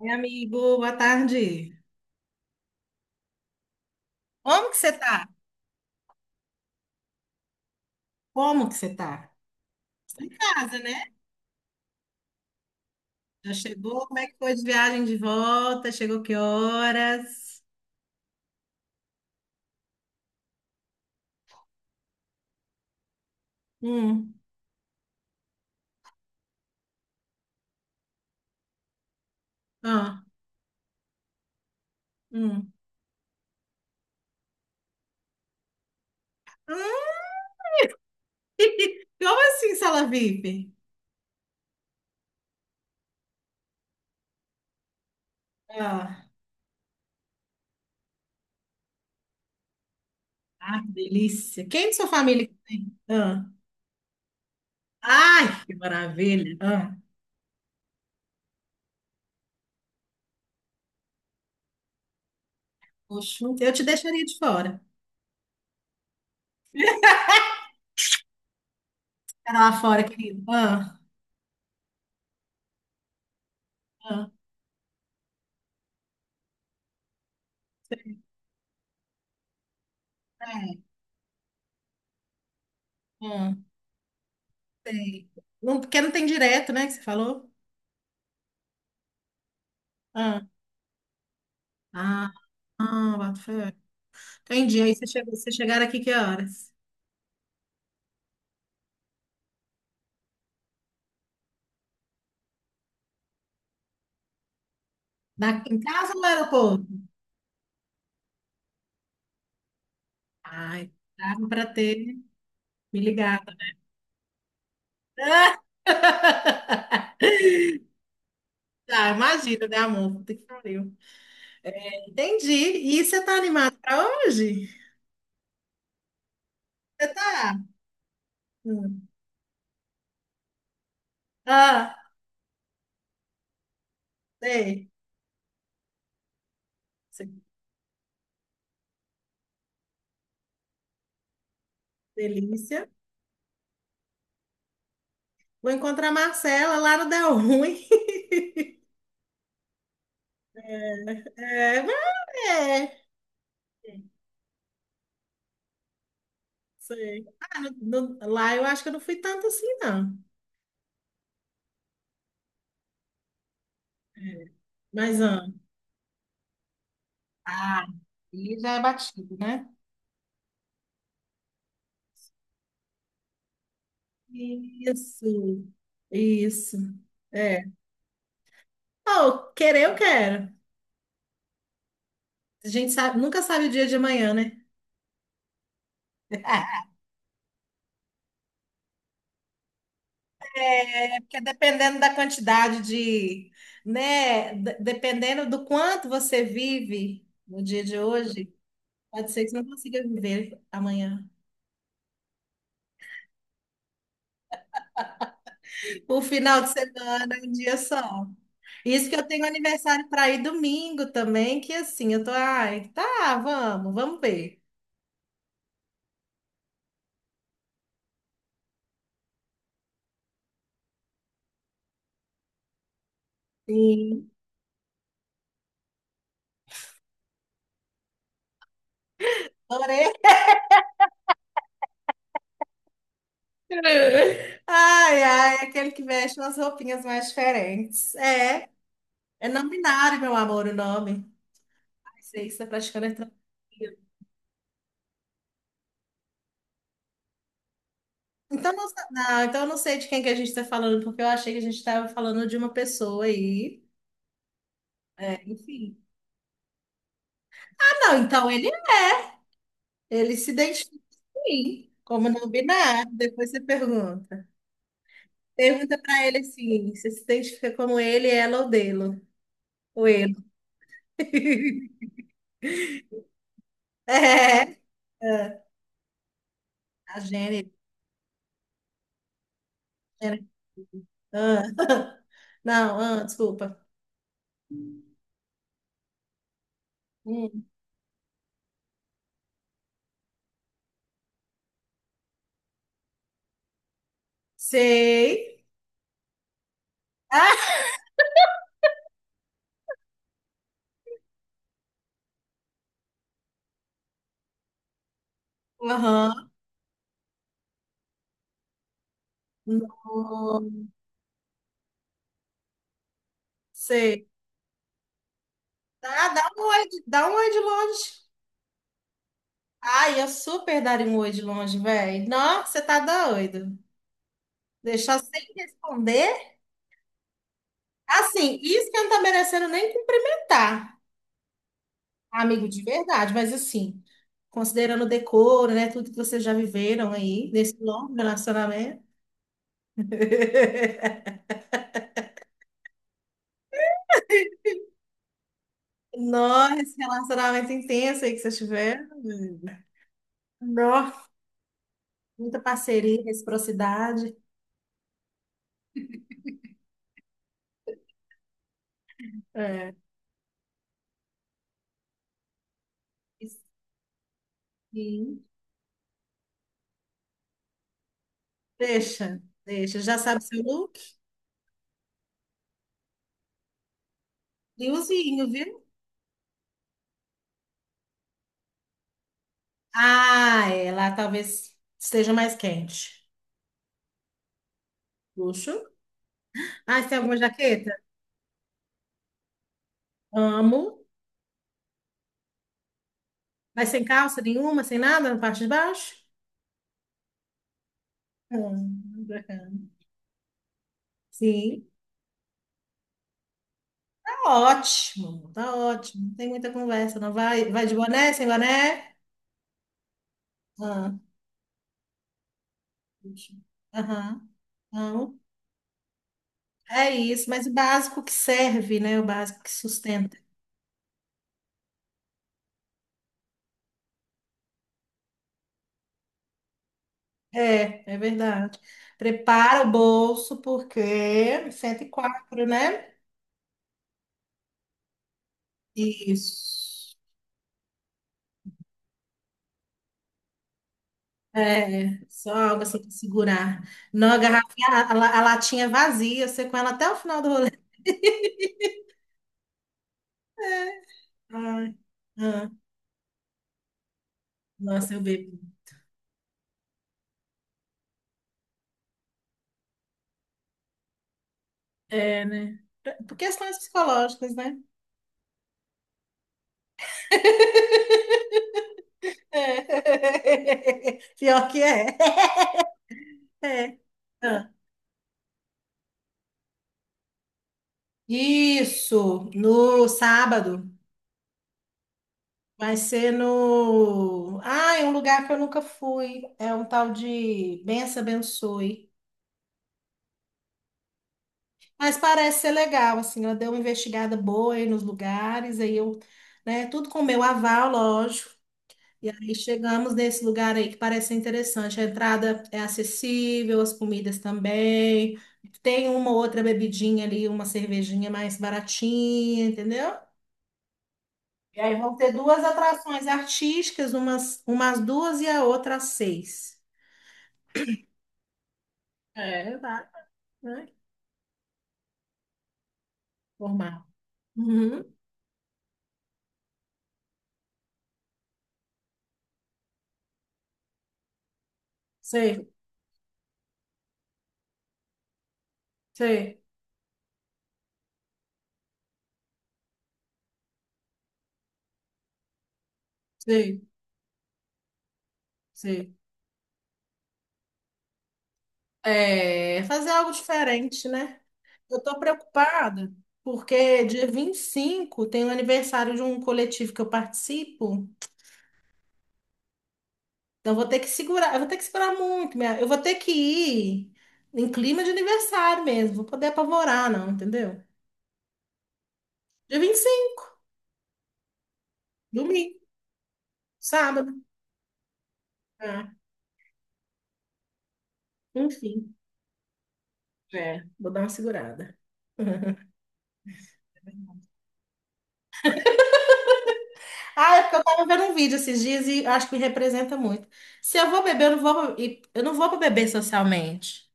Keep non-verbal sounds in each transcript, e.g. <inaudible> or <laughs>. Oi, amigo, boa tarde. Como que você tá? Como que você tá? Tá em casa, né? Já chegou? Como é que foi de viagem de volta? Chegou que horas? Hum, ah, hum. Hum, <laughs> Como assim, sala VIP? Ah, ah, que delícia. Quem de sua família que tem? Ah. Ai, que maravilha. Ah, poxa, eu te deixaria de fora. Fica lá fora, querido. Ah, ah, é, ah, sei. Não, porque não tem direto, né, que você falou? Ah, ah, ah, boto fé. Entendi. Aí você chegou, vocês chegaram aqui que horas? Na, em casa ou no aeroporto? Ai, dava para ter me ligado. <laughs> Tá, imagina, né, amor? Puta que pariu. Entendi. E você tá animado para hoje? Você tá? Hum. Ah, sei. Sei. Delícia. Vou encontrar a Marcela lá no Del Ruim. <laughs> É, mas é. Sei. Ah, no- no- lá eu acho que eu não fui tanto assim, não. Mas, ah, ah, e já é batido, né? Isso, isso. É. Oh, querer eu quero. A gente sabe, nunca sabe o dia de amanhã, né? <laughs> É porque dependendo da quantidade de, né, de- dependendo do quanto você vive no dia de hoje, pode ser que você não consiga viver amanhã. O final de semana, é um dia só. Isso que eu tenho aniversário para ir domingo também, que assim, eu tô, ai, tá, vamos, vamos ver. Sim, adorei. <laughs> Ai, ai, aquele que veste umas roupinhas mais diferentes. É, é não binário, meu amor, o nome. Ai, sei, isso é praticando heterossexual. Então, não, sa- não, então eu não sei de quem que a gente está falando, porque eu achei que a gente estava falando de uma pessoa aí. É, enfim. Ah, não, então ele se identifica sim, como não binário. Depois você pergunta. Pergunta pra ele assim: você se identifica como ele, ela ou dele? Ou ele? <laughs> É, é, a Jenny. Jenny. Ah. <laughs> Não, ah, desculpa. Hum, Sei. Ah, aham. Não, sei. Ah, dá um oi, de- dá um oi de longe. Ai, eu super daria um oi de longe, velho. Nossa, você tá doido. Deixar sem responder. Assim, isso que eu não tá merecendo nem cumprimentar, amigo de verdade, mas assim, considerando o decoro, né, tudo que vocês já viveram aí nesse longo relacionamento. <laughs> Nossa, esse relacionamento intenso aí que vocês tiveram. Nossa, muita parceria, reciprocidade. É. Sim. Deixa, deixa. Já sabe seu look? Friozinho, viu? Ah, é, lá talvez esteja mais quente. Luxo. Ah, você tem alguma jaqueta? Amo. Mas sem calça nenhuma, sem nada na parte de baixo? Bacana. Sim, tá ótimo, tá ótimo. Não tem muita conversa, não vai, vai de boné, sem boné? Ah, puxa. Aham. Não, é isso, mas o básico que serve, né? O básico que sustenta. É, é verdade. Prepara o bolso, porque 104, né? Isso. É, só algo assim para segurar. Não, a garrafinha, a, la- a latinha vazia, você com ela até o final do rolê. Ai, ah, ah, nossa, eu bebo. É, né? Pra- Por questões psicológicas, né? É. <laughs> Pior que é. É. Ah, isso, no sábado. Vai ser no. Ah, é um lugar que eu nunca fui. É um tal de Bença Abençoe. Mas parece ser legal, assim. Ela deu uma investigada boa aí nos lugares, aí eu, né? Tudo com o meu aval, lógico. E aí chegamos nesse lugar aí que parece ser interessante. A entrada é acessível, as comidas também. Tem uma outra bebidinha ali, uma cervejinha mais baratinha, entendeu? E aí vão ter duas atrações artísticas, umas, umas duas e a outra às seis. É, vai, né? Normal. Uhum. Sei, sei, sei, sei. É, fazer algo diferente, né? Eu tô preocupada porque dia 25 tem o aniversário de um coletivo que eu participo. Então eu vou ter que segurar, eu vou ter que segurar muito, minha- eu vou ter que ir em clima de aniversário mesmo, vou poder apavorar não, entendeu? Dia 25, domingo, sábado, ah, enfim, é, vou dar uma segurada. <laughs> Ah, é porque eu tava vendo um vídeo esses dias e acho que me representa muito. Se eu vou beber, eu não vou para beber socialmente.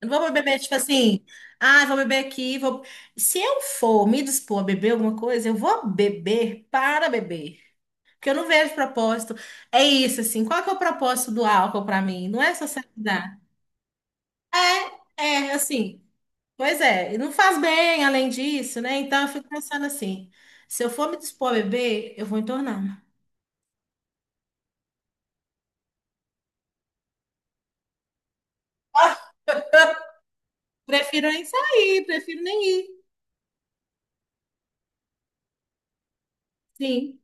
Eu não vou beber, tipo assim, ah, vou beber aqui, vou... Se eu for me dispor a beber alguma coisa, eu vou beber para beber. Porque eu não vejo propósito. É isso, assim, qual que é o propósito do álcool para mim? Não é socializar. É, é, assim, pois é, e não faz bem além disso, né? Então eu fico pensando assim, se eu for me dispor a beber, eu vou entornar. <laughs> Ah, prefiro nem sair, prefiro nem ir. Sim,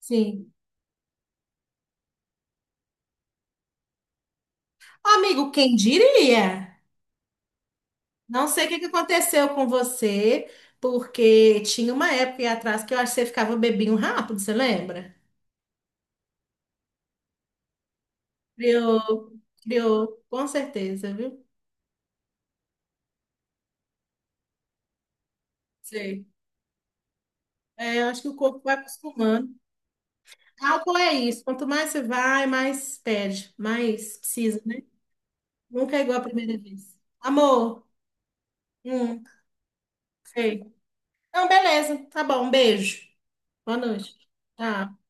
sim. Amigo, quem diria? Não sei o que que aconteceu com você, porque tinha uma época aí atrás que eu acho que você ficava um bebinho rápido, você lembra? Criou, criou, com certeza, viu? Sei. É, eu acho que o corpo vai acostumando. Álcool é isso, quanto mais você vai, mais perde, mais precisa, né? Nunca é igual a primeira vez. Amor, hum, sei. Então, beleza, tá bom, um beijo. Boa noite. Tchau.